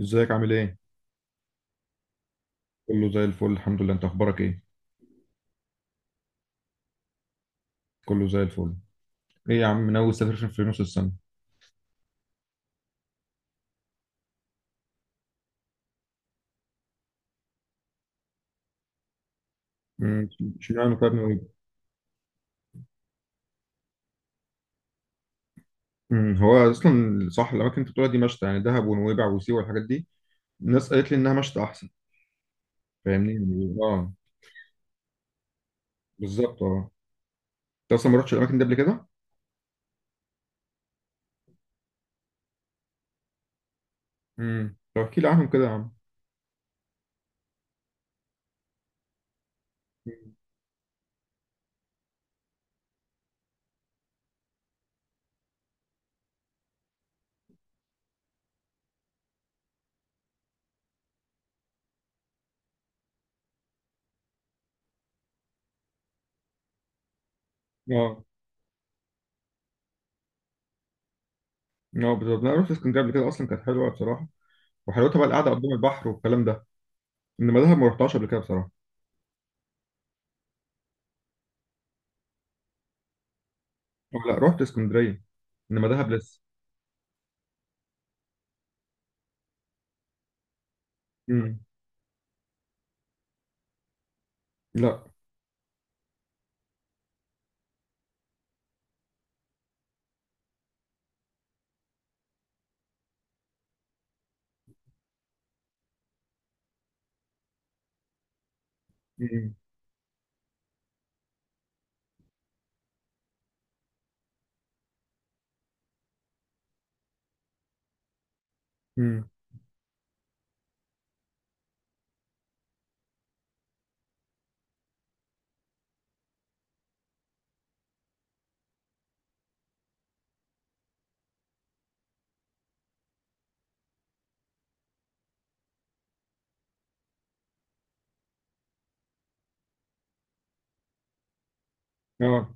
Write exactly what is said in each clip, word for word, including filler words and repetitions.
ازيك عامل ايه؟ كله زي الفل الحمد لله، انت اخبارك ايه؟ كله زي الفل. ايه يا عم من اول سفر في نص السنه. امم، اشمعنى طيب نويبع؟ امم، هو اصلا صح الاماكن اللي انت بتقولها دي مشتى؟ يعني دهب ونويبع وسيوه والحاجات دي الناس قالت لي انها مشتى احسن. فاهمني؟ يعني اه بالظبط اه. انت اصلا ما رحتش الاماكن دي قبل كده؟ امم، طب احكي لي عنهم كده يا عم. امم، اه اه بالظبط انا رحت اسكندريه قبل كده، اصلا كانت حلوه بصراحه، وحلاوتها بقى القعده قدام البحر والكلام ده. انما دهب ما رحتهاش قبل كده بصراحه. اه، لا رحت اسكندريه، انما دهب لسه. امم. لا. مم. مم. اه،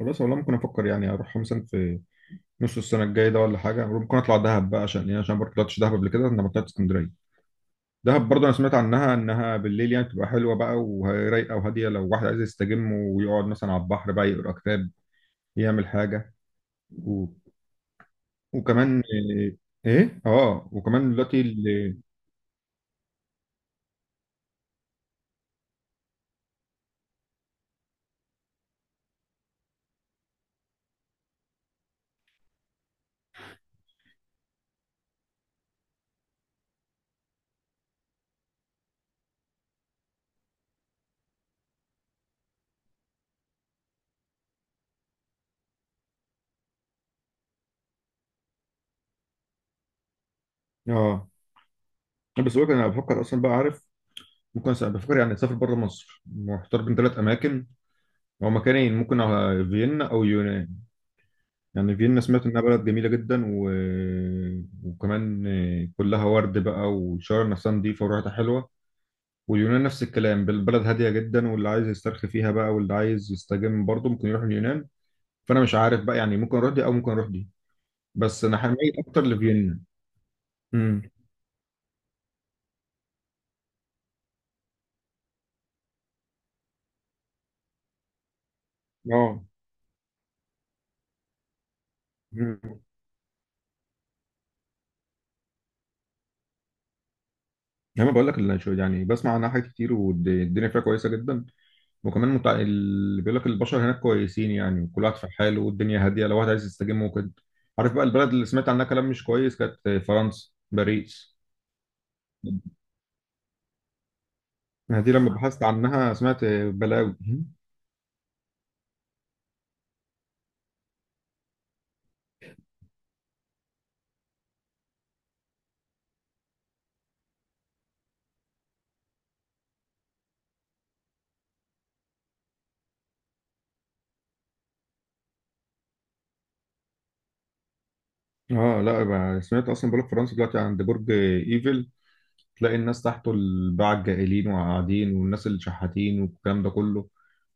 خلاص والله ممكن افكر يعني اروح مثلا في نص السنه الجايه ده ولا حاجه، ممكن اطلع دهب بقى، عشان ايه؟ عشان برضه طلعتش دهب قبل كده، انا ما طلعت اسكندريه. دهب برضه انا سمعت عنها انها بالليل يعني بتبقى حلوه بقى ورايقه وهاديه، لو واحد عايز يستجم ويقعد مثلا على البحر بقى يقرا كتاب يعمل حاجه. و... وكمان ايه؟ إيه؟ اه، وكمان دلوقتي ال- اه بس بقول لك انا بفكر اصلا، بقى عارف، ممكن أس- بفكر يعني اسافر بره مصر. محتار بين ثلاث اماكن. هو مكانين، ممكن على فيينا او يونان. يعني فيينا سمعت انها بلد جميله جدا و... وكمان كلها ورد بقى، والشوارع نفسها نظيفه وريحتها حلوه. واليونان نفس الكلام، بالبلد هاديه جدا، واللي عايز يسترخي فيها بقى واللي عايز يستجم برضه ممكن يروح اليونان. فانا مش عارف بقى، يعني ممكن اروح دي او ممكن اروح دي، بس انا حمايل اكتر لفيينا. امم. اه. امم. انا بقول لك اللي- يعني بسمع عنها حاجات كتير والدنيا فيها كويسه جدا. وكمان متع... اللي بيقول لك البشر هناك كويسين، يعني كل واحد في حاله والدنيا هاديه، لو واحد عايز يستجم ممكن. عارف بقى البلد اللي سمعت عنها كلام مش كويس؟ كانت فرنسا، باريس. دي لما بحثت عنها سمعت بلاوي. اه لا بقى، سمعت اصلا، بقول لك فرنسا دلوقتي عند برج ايفل تلاقي الناس تحته، الباعة الجائلين وقاعدين، والناس اللي شحاتين والكلام ده كله.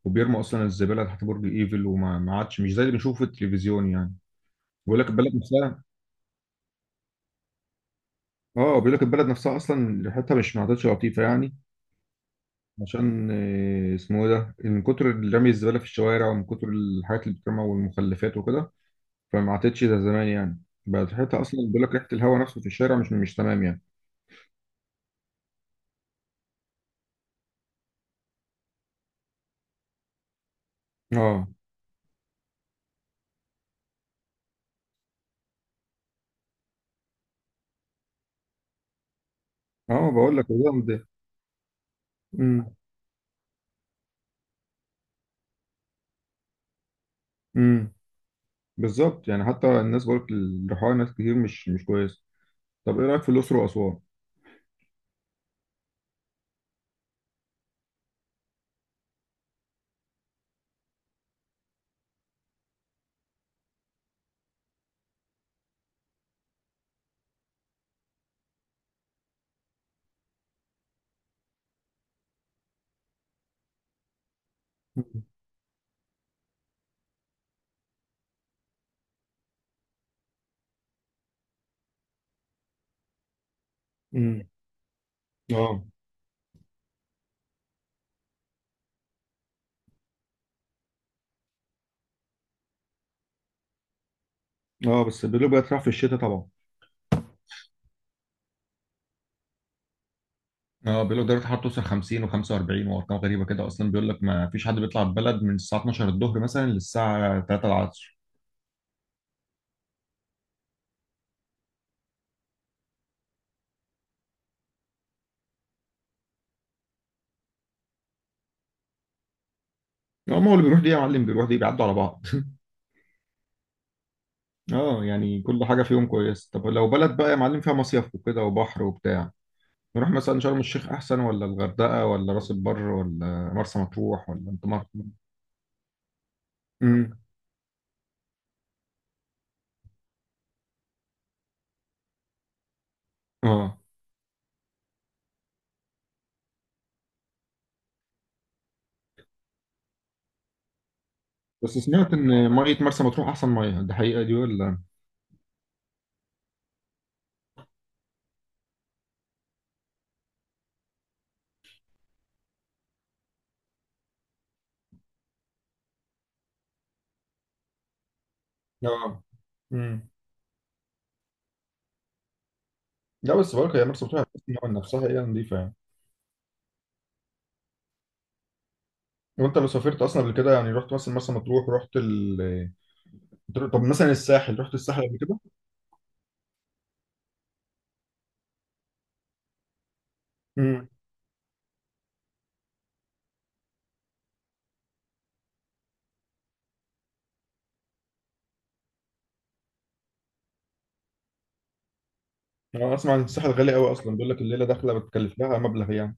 وبيرموا اصلا الزباله تحت برج ايفل، وما ما عادش مش زي اللي بنشوفه في التلفزيون يعني. بيقول لك البلد نفسها اه بيقول لك البلد نفسها اصلا ريحتها مش ما عادتش لطيفه يعني. عشان آه، اسمه إيه ده من كتر رمي الزبالة في الشوارع ومن كتر الحاجات اللي بتترمى والمخلفات وكده، فما عادتش زي زمان يعني، بقت ريحتها أصلا بيقول لك ريحة الهواء نفسه في الشارع مش مش تمام يعني. اه. اه بقول لك والله ده. امم. امم. بالظبط يعني، حتى الناس بقول لك الريحان، ناس كتير مش مش كويس. طب ايه رأيك في الأقصر وأسوان؟ امم. اه. اه بس بيقولوا بقت رايحة في الشتاء طبعا. اه بيقولوا درجة الحرارة توصل خمسين و45 وارقام غريبة كده، اصلا بيقول لك ما فيش حد بيطلع البلد من الساعة اثنا عشر الظهر مثلا للساعة ثلاثة العصر. هم هو اللي بيروح دي يا معلم بيروح دي بيعدوا على بعض اه يعني كل حاجة فيهم كويس. طب لو بلد بقى يا معلم فيها مصيف وكده وبحر وبتاع، نروح مثلا شرم الشيخ احسن ولا الغردقة ولا راس البر ولا مرسى مطروح ولا انت مرسى؟ امم. اه بس سمعت ان مية مرسى مطروح احسن مية، دي حقيقة دي ولا؟ اه. امم. لا بس برضه هي مرسى مطروح هتحس إن هو نفسها هي نظيفة يعني. وانت لو سافرت اصلا قبل كده، يعني رحت مثلا مرسى مطروح، رحت ال طب مثلا الساحل، رحت الساحل قبل كده؟ امم. انا اسمع ان الساحل غالي قوي، اصلا بيقول لك الليله داخله بتكلف لها مبلغ يعني.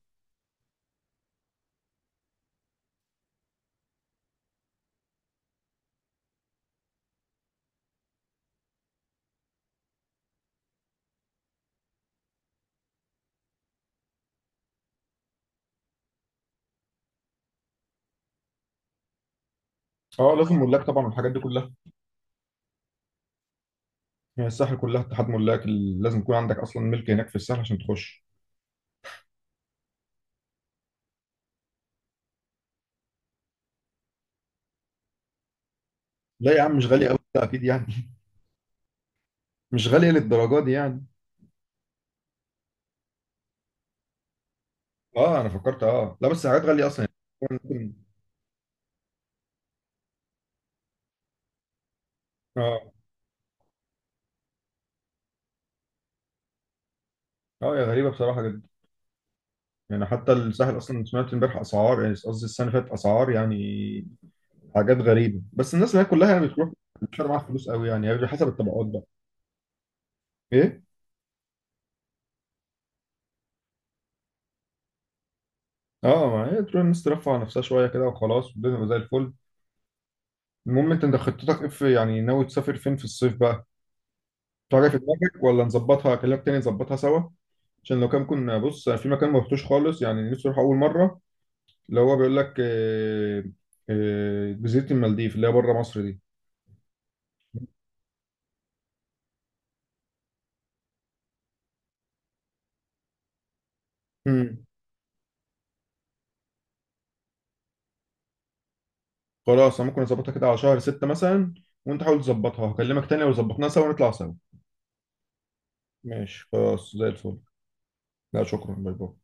اه لازم ملاك طبعا والحاجات دي كلها. يعني الساحل كلها اتحاد ملاك ال- لازم يكون عندك اصلا ملك هناك في الساحل عشان تخش. لا يا عم مش غالي قوي ده اكيد يعني. مش غالي للدرجه دي يعني. اه انا فكرت، اه لا بس حاجات غاليه اصلا. يعني ممكن- اه. اه يا غريبه بصراحه جدا. يعني حتى الساحل اصلا سمعت امبارح اسعار، يعني قصدي السنه اللي فاتت اسعار يعني حاجات غريبة، بس الناس اللي هي كلها يعني بتروح مش معاها فلوس قوي يعني، على حسب الطبقات بقى. ايه. اه ما هي تروح الناس ترفع عن نفسها شوية كده وخلاص، والدنيا تبقى زي الفل. المهم انت انت خطتك ايه في يعني ناوي تسافر فين في الصيف بقى؟ في حاجة في دماغك ولا نظبطها، اكلمك تاني نظبطها سوا؟ عشان لو كان كنا بص في مكان ما رحتوش خالص، يعني نفسي اروح اول مرة اللي هو بيقول لك آه، آه، جزيرة المالديف اللي هي بره مصر دي. مم. خلاص أنا ممكن اظبطها كده على شهر ستة مثلا، وانت حاول تظبطها، هكلمك تاني لو ظبطناها سوا نطلع سوا. ماشي خلاص زي الفل. لا شكرا، باي باي.